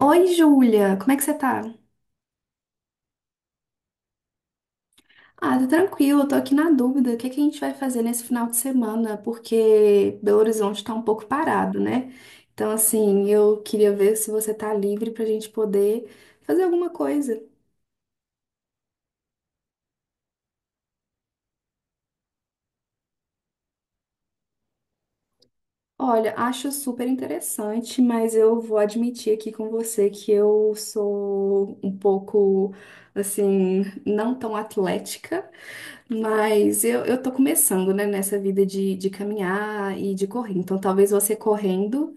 Oi, Júlia, como é que você tá? Ah, tô tranquilo, tô aqui na dúvida, o que é que a gente vai fazer nesse final de semana, porque Belo Horizonte tá um pouco parado, né? Então, assim, eu queria ver se você tá livre pra gente poder fazer alguma coisa. Olha, acho super interessante, mas eu vou admitir aqui com você que eu sou um pouco, assim, não tão atlética, mas eu tô começando, né, nessa vida de caminhar e de correr. Então, talvez você correndo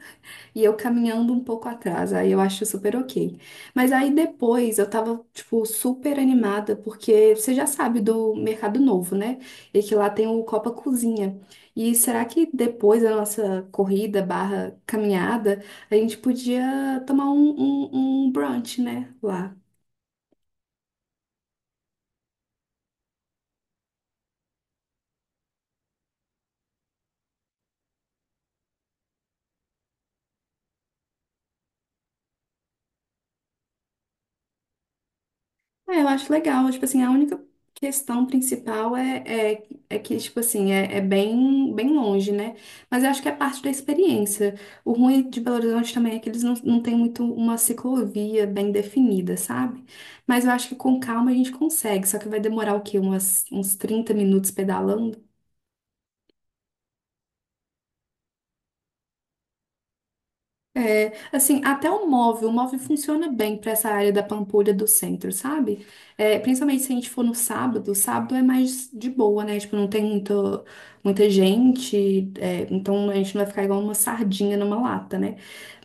e eu caminhando um pouco atrás, aí eu acho super ok. Mas aí depois eu tava, tipo, super animada, porque você já sabe do Mercado Novo, né? E que lá tem o Copa Cozinha. E será que depois da nossa corrida barra caminhada, a gente podia tomar um brunch, né? Lá. É, eu acho legal. Tipo assim, a única questão principal é que, tipo assim, é, é bem, bem longe, né? Mas eu acho que é parte da experiência. O ruim de Belo Horizonte também é que eles não têm muito uma ciclovia bem definida, sabe? Mas eu acho que com calma a gente consegue. Só que vai demorar o quê? Uns 30 minutos pedalando? É, assim, o móvel funciona bem para essa área da Pampulha do centro, sabe? É, principalmente se a gente for no sábado, sábado é mais de boa, né? Tipo, não tem muito, muita gente, é, então a gente não vai ficar igual uma sardinha numa lata, né?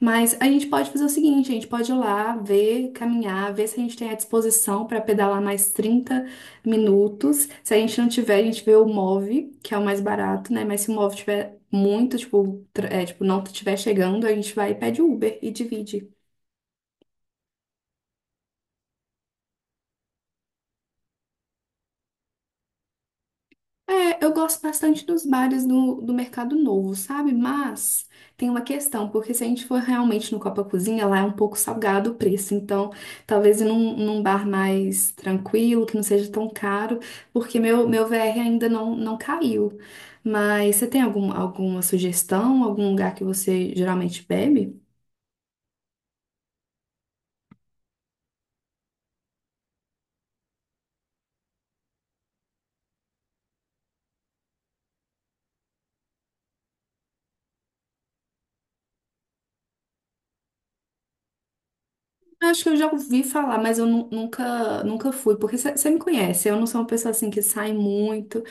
Mas a gente pode fazer o seguinte, a gente pode ir lá, ver, caminhar, ver se a gente tem a disposição para pedalar mais 30 minutos. Se a gente não tiver, a gente vê o Move, que é o mais barato, né? Mas se o Move muito, tipo, não estiver chegando, a gente vai e pede Uber e divide. É, eu gosto bastante dos bares do Mercado Novo, sabe? Mas tem uma questão, porque se a gente for realmente no Copa Cozinha, lá é um pouco salgado o preço. Então, talvez ir num bar mais tranquilo, que não seja tão caro, porque meu VR ainda não caiu. Mas você tem algum, alguma sugestão, algum lugar que você geralmente bebe? Eu acho que eu já ouvi falar, mas eu nunca fui, porque você me conhece, eu não sou uma pessoa assim que sai muito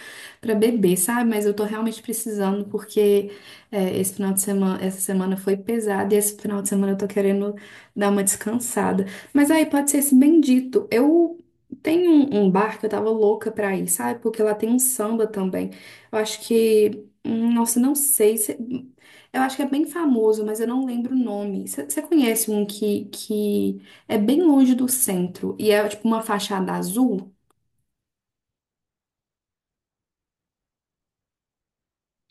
pra beber, sabe? Mas eu tô realmente precisando, porque é, esse final de semana, essa semana foi pesada e esse final de semana eu tô querendo dar uma descansada. Mas aí pode ser esse bendito. Eu tenho um bar que eu tava louca pra ir, sabe? Porque lá tem um samba também. Eu acho que, nossa, não sei se eu acho que é bem famoso, mas eu não lembro o nome. Você conhece um que é bem longe do centro e é tipo uma fachada azul.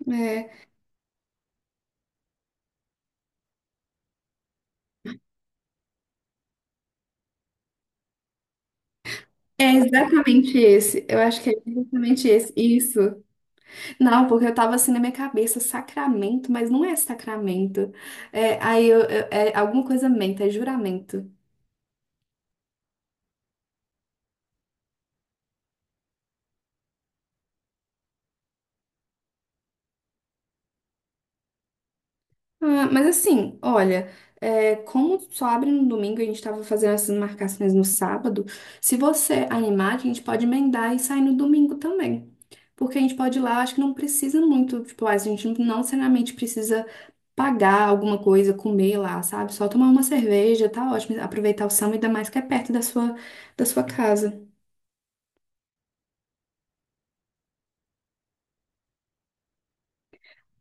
É, é exatamente esse. Eu acho que é exatamente esse. Isso. Não, porque eu tava assim na minha cabeça, Sacramento, mas não é Sacramento. É, aí é alguma coisa menta, é juramento. Ah, mas assim, olha, é, como só abre no domingo e a gente tava fazendo essas marcações no sábado, se você animar, a gente pode emendar e sair no domingo também. Porque a gente pode ir lá, acho que não precisa muito, tipo, a gente não necessariamente precisa pagar alguma coisa, comer lá, sabe? Só tomar uma cerveja, tá ótimo. Aproveitar o samba, ainda mais que é perto da sua casa.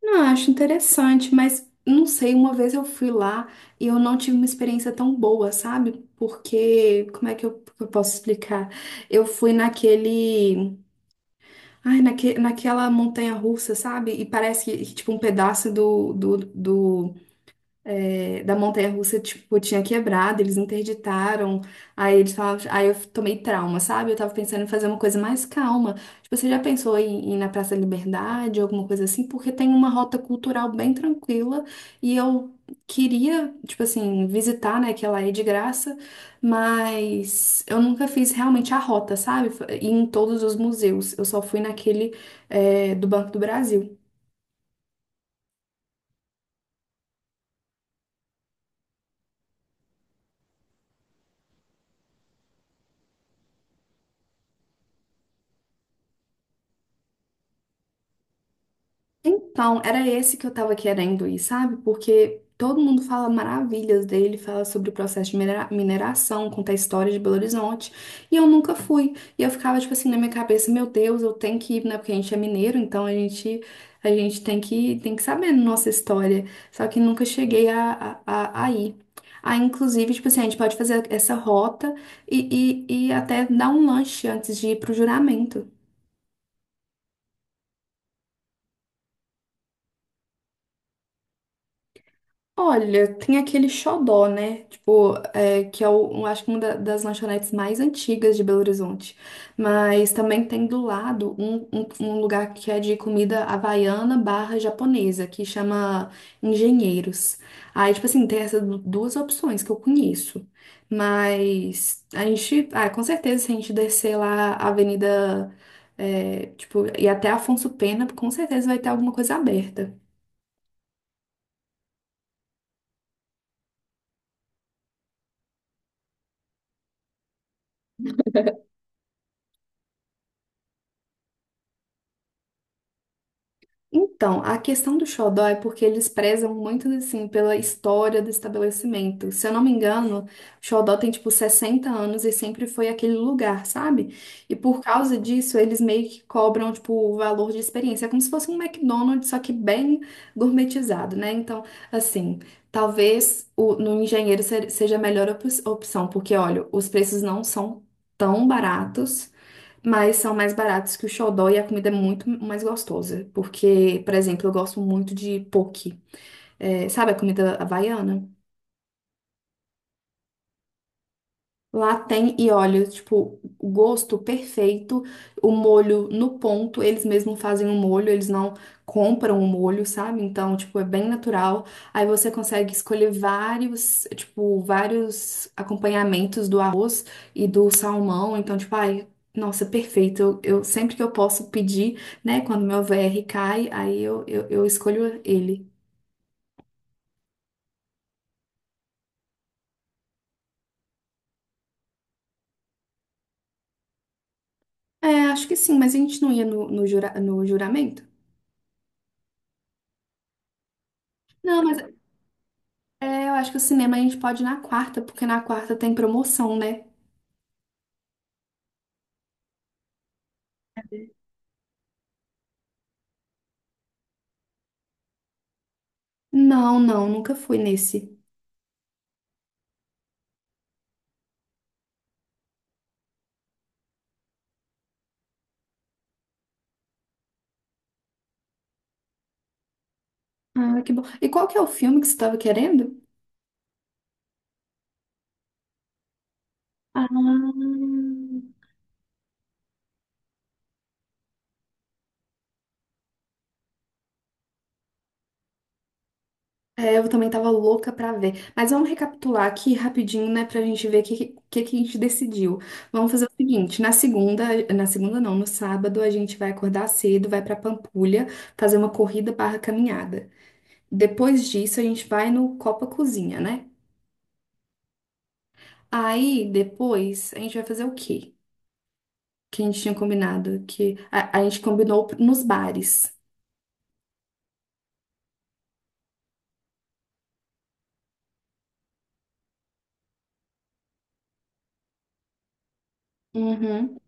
Não, eu acho interessante, mas não sei, uma vez eu fui lá e eu não tive uma experiência tão boa, sabe? Porque, como é que que eu posso explicar? Eu fui naquele, ai, naque, naquela montanha-russa, sabe? E parece que, tipo, um pedaço da montanha-russa, tipo, tinha quebrado, eles interditaram, aí eles falavam, aí eu tomei trauma, sabe? Eu tava pensando em fazer uma coisa mais calma. Tipo, você já pensou em ir na Praça da Liberdade, alguma coisa assim? Porque tem uma rota cultural bem tranquila e eu queria, tipo assim, visitar, né, que ela é de graça, mas eu nunca fiz realmente a rota, sabe? Ir em todos os museus, eu só fui naquele, é, do Banco do Brasil. Então, era esse que eu tava querendo ir, sabe? Porque todo mundo fala maravilhas dele, fala sobre o processo de mineração, conta a história de Belo Horizonte, e eu nunca fui. E eu ficava, tipo assim, na minha cabeça, meu Deus, eu tenho que ir, né? Porque a gente é mineiro, então a gente tem tem que saber a nossa história. Só que nunca cheguei a ir. Aí, inclusive, tipo assim, a gente pode fazer essa rota e até dar um lanche antes de ir pro juramento. Olha, tem aquele xodó, né? Tipo, é, que é, o, um- acho que uma das lanchonetes mais antigas de Belo Horizonte. Mas também tem do lado um lugar que é de comida havaiana barra japonesa, que chama Engenheiros. Aí, tipo assim, tem essas duas opções que eu conheço. Mas a gente, ah, com certeza, se a gente descer lá a Avenida, é, tipo, e até Afonso Pena, com certeza vai ter alguma coisa aberta. Então, a questão do xodó é porque eles prezam muito, assim, pela história do estabelecimento. Se eu não me engano, xodó tem, tipo, 60 anos e sempre foi aquele lugar, sabe? E por causa disso, eles meio que cobram, tipo, o valor de experiência. É como se fosse um McDonald's, só que bem gourmetizado, né? Então, assim, talvez no engenheiro seja a melhor opção, porque, olha, os preços não são tão baratos. Mas são mais baratos que o xodó e a comida é muito mais gostosa. Porque, por exemplo, eu gosto muito de poke. É, sabe a comida havaiana? Lá tem, e olha, tipo, o gosto perfeito, o molho no ponto, eles mesmos fazem o molho, eles não compram o molho, sabe? Então, tipo, é bem natural. Aí você consegue escolher vários, tipo, vários acompanhamentos do arroz e do salmão. Então, tipo, ai, nossa, é perfeito. Sempre que eu posso pedir, né, quando meu VR cai, aí eu escolho ele. É, acho que sim, mas a gente não ia no juramento? Não, mas É, eu acho que o cinema a gente pode ir na quarta, porque na quarta tem promoção, né? Não, nunca fui nesse. Ah, que bom. E qual que é o filme que você estava querendo? Ah, é, eu também tava louca pra ver. Mas vamos recapitular aqui rapidinho, né, pra gente ver que a gente decidiu. Vamos fazer o seguinte, na segunda não, no sábado a gente vai acordar cedo, vai pra Pampulha fazer uma corrida barra caminhada. Depois disso a gente vai no Copa Cozinha, né? Aí, depois, a gente vai fazer o quê? Que a gente tinha combinado, a gente combinou nos bares. Uhum.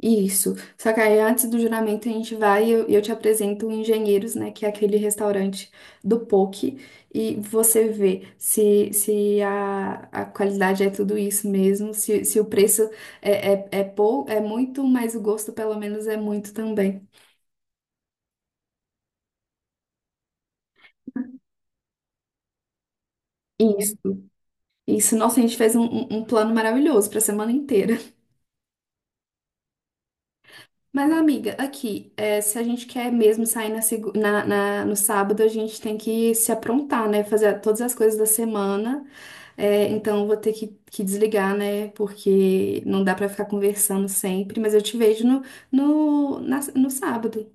Isso. Só que aí, antes do juramento, a gente vai e eu te apresento o Engenheiros, né? Que é aquele restaurante do poke. E você vê se, se a, a qualidade é tudo isso mesmo, se o preço é muito, mas o gosto, pelo menos, é muito também. Isso. Isso. Nossa, a gente fez um, um plano maravilhoso para semana inteira. Mas, amiga, aqui, é, se a gente quer mesmo sair na, segu- na- na- no sábado, a gente tem que se aprontar, né? Fazer todas as coisas da semana. É, então, eu vou ter que desligar, né? Porque não dá pra ficar conversando sempre. Mas eu te vejo no sábado.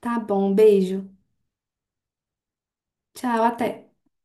Tá bom, beijo. Tchau, até.